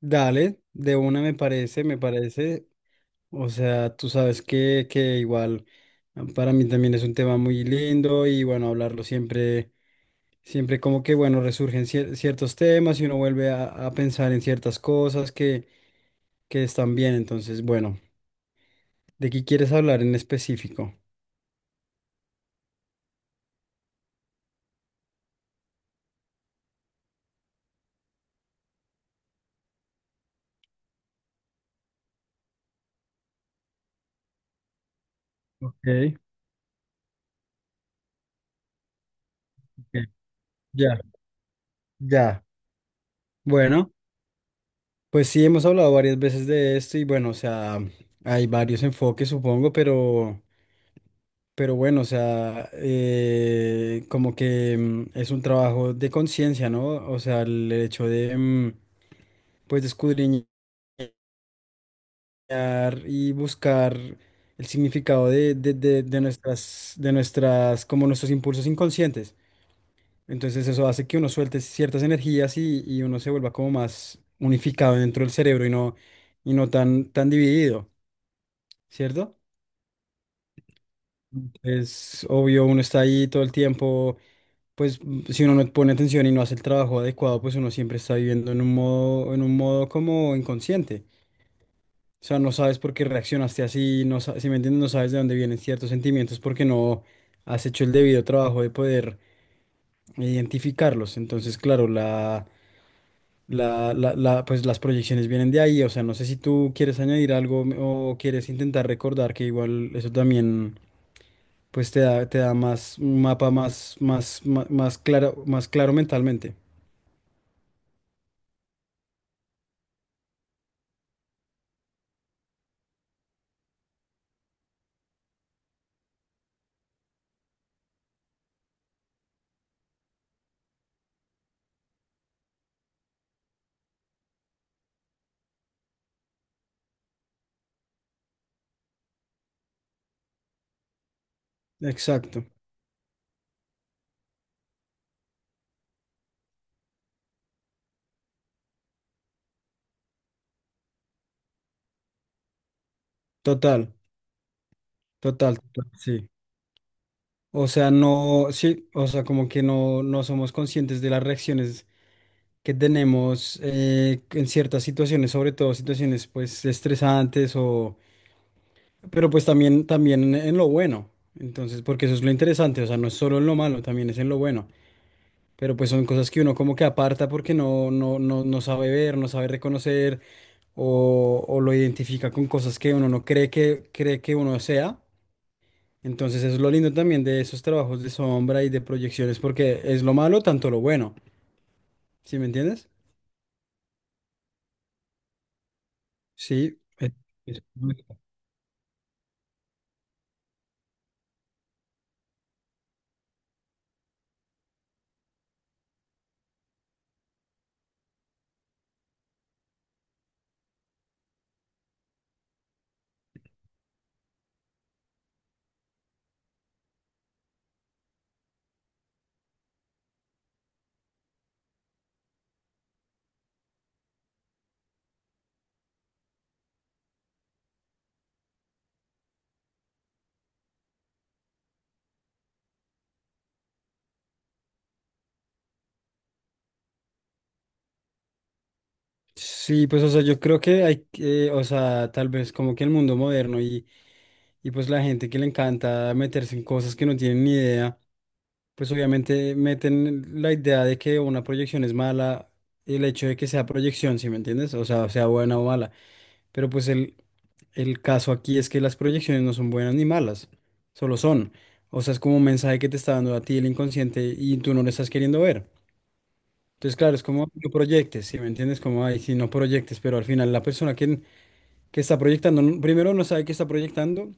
Dale, de una me parece, me parece. O sea, tú sabes que igual para mí también es un tema muy lindo y bueno, hablarlo siempre, siempre como que bueno, resurgen ciertos temas y uno vuelve a pensar en ciertas cosas que están bien. Entonces, bueno, ¿de qué quieres hablar en específico? Ok, ok, ya, ya. Bueno, pues sí, hemos hablado varias veces de esto y bueno, o sea, hay varios enfoques, supongo, pero... Pero bueno, o sea, como que es un trabajo de conciencia, ¿no? O sea, el hecho de, pues, de escudriñar y buscar el significado de como nuestros impulsos inconscientes. Entonces eso hace que uno suelte ciertas energías y uno se vuelva como más unificado dentro del cerebro y no tan dividido, ¿cierto? Es obvio, uno está ahí todo el tiempo pues si uno no pone atención y no hace el trabajo adecuado, pues uno siempre está viviendo en un modo como inconsciente. O sea, no sabes por qué reaccionaste así, si me entiendes, no sabes de dónde vienen ciertos sentimientos porque no has hecho el debido trabajo de poder identificarlos. Entonces, claro, pues las proyecciones vienen de ahí. O sea, no sé si tú quieres añadir algo o quieres intentar recordar que igual eso también pues te da más un mapa más claro, más claro mentalmente. Exacto. Total, total, sí. O sea, no, sí, o sea, como que no, no somos conscientes de las reacciones que tenemos en ciertas situaciones, sobre todo situaciones pues estresantes o, pero pues también, también en lo bueno. Entonces, porque eso es lo interesante, o sea, no es solo en lo malo, también es en lo bueno. Pero pues son cosas que uno como que aparta porque no sabe ver, no sabe reconocer o lo identifica con cosas que uno no cree que, cree que uno sea. Entonces eso es lo lindo también de esos trabajos de sombra y de proyecciones, porque es lo malo tanto lo bueno, ¿sí me entiendes? Sí. Es- Sí, pues o sea, yo creo que hay que, o sea, tal vez como que el mundo moderno y pues la gente que le encanta meterse en cosas que no tienen ni idea, pues obviamente meten la idea de que una proyección es mala, el hecho de que sea proyección, ¿sí me entiendes? O sea, sea buena o mala. Pero pues el caso aquí es que las proyecciones no son buenas ni malas, solo son. O sea, es como un mensaje que te está dando a ti el inconsciente y tú no lo estás queriendo ver. Entonces, claro, es como no proyectes, si me entiendes? Como, ay, si no proyectes, pero al final la persona que está proyectando, no- primero no sabe que está proyectando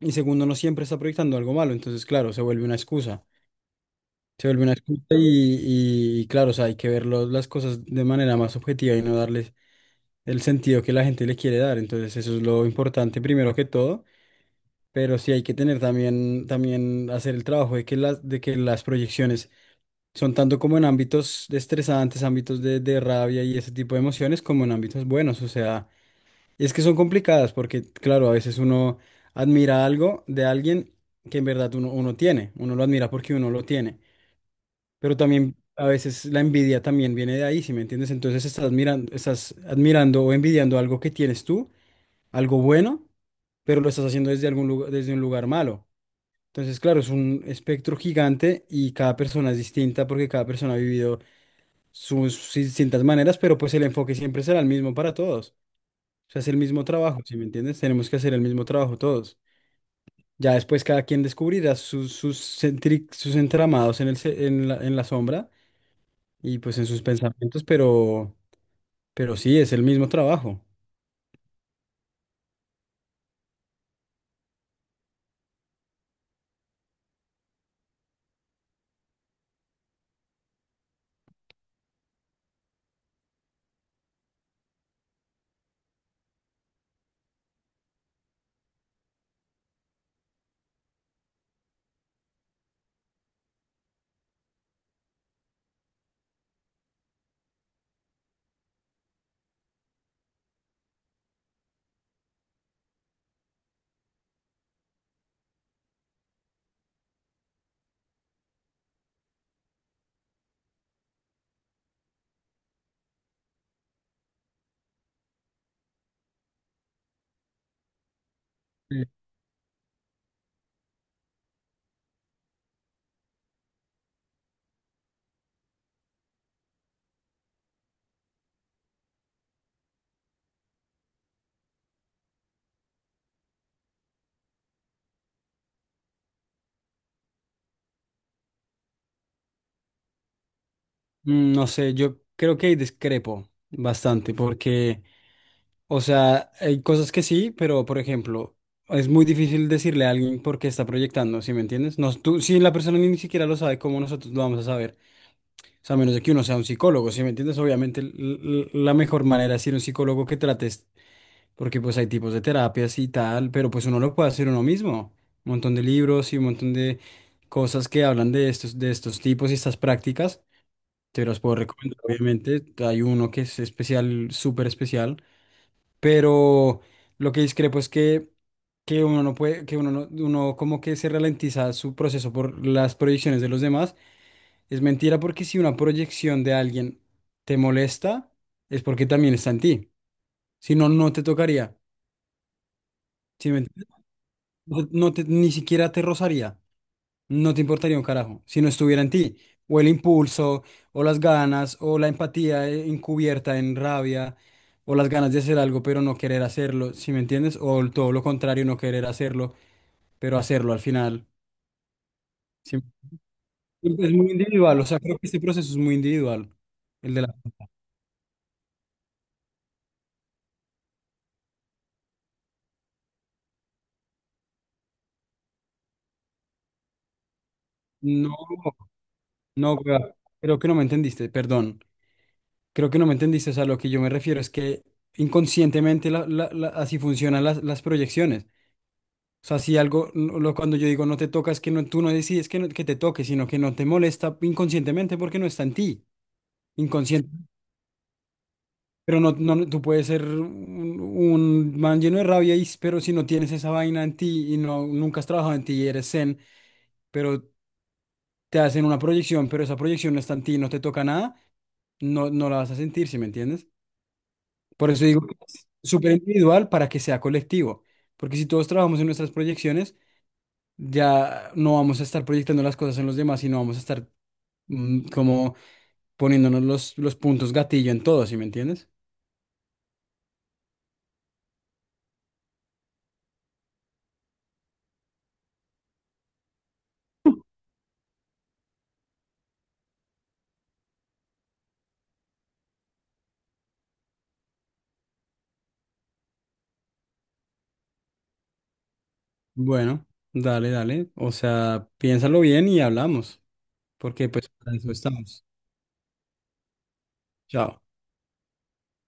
y segundo no siempre está proyectando algo malo. Entonces, claro, se vuelve una excusa. Se vuelve una excusa y claro, o sea, hay que ver lo- las cosas de manera más objetiva y no darles el sentido que la gente le quiere dar. Entonces, eso es lo importante primero que todo. Pero sí hay que tener también, también hacer el trabajo de que las proyecciones son tanto como en ámbitos de estresantes, ámbitos de rabia y ese tipo de emociones, como en ámbitos buenos. O sea, es que son complicadas porque, claro, a veces uno admira algo de alguien que en verdad uno tiene. Uno lo admira porque uno lo tiene. Pero también a veces la envidia también viene de ahí, si me entiendes? Entonces estás admirando o envidiando algo que tienes tú, algo bueno, pero lo estás haciendo desde algún lugar, desde un lugar malo. Entonces, claro, es un espectro gigante y cada persona es distinta porque cada persona ha vivido sus distintas maneras, pero pues el enfoque siempre será el mismo para todos. O sea, es el mismo trabajo, ¿sí me entiendes? Tenemos que hacer el mismo trabajo todos. Ya después cada quien descubrirá sus entramados en en en la sombra y pues en sus pensamientos, pero sí, es el mismo trabajo. Mm. No sé, yo creo que ahí discrepo bastante porque... O sea, hay cosas que sí, pero por ejemplo, es muy difícil decirle a alguien por qué está proyectando, ¿sí me entiendes? No, tú, si la persona ni siquiera lo sabe, ¿cómo nosotros lo vamos a saber? O sea, a menos de que uno sea un psicólogo, ¿sí me entiendes? Obviamente la mejor manera es ir a un psicólogo que trates, porque pues hay tipos de terapias y tal, pero pues uno lo puede hacer uno mismo. Un montón de libros y un montón de cosas que hablan de estos tipos y estas prácticas. Te los puedo recomendar, obviamente. Hay uno que es especial, súper especial, pero lo que discrepo es que uno no puede, que uno uno como que se ralentiza su proceso por las proyecciones de los demás. Es mentira porque si una proyección de alguien te molesta, es porque también está en ti. Si no, no te tocaría. Si me entiendes? No, no te, ni siquiera te rozaría. No te importaría un carajo si no estuviera en ti. O el impulso, o las ganas, o la empatía encubierta en rabia, o las ganas de hacer algo pero no querer hacerlo, ¿si me entiendes? O el- todo lo contrario, no querer hacerlo, pero hacerlo al final. Sí. Es muy individual, o sea, creo que este proceso es muy individual. El de la... No, no, wea, creo que no me entendiste, perdón. Creo que no me entendiste, o sea, lo que yo me refiero es que inconscientemente así funcionan las proyecciones. O sea, si algo, cuando yo digo no te toca, es que no, tú no decides que, que te toque, sino que no te molesta inconscientemente porque no está en ti, inconsciente. Pero tú puedes ser un man lleno de rabia, y, pero si no tienes esa vaina en ti y no, nunca has trabajado en ti y eres zen, pero te hacen una proyección, pero esa proyección no está en ti, no te toca nada, no, no la vas a sentir, ¿sí me entiendes? Por eso digo que es súper individual para que sea colectivo, porque si todos trabajamos en nuestras proyecciones, ya no vamos a estar proyectando las cosas en los demás y no vamos a estar como poniéndonos los puntos gatillo en todo, ¿sí me entiendes? Bueno, dale, dale. O sea, piénsalo bien y hablamos, porque pues para eso estamos. Chao.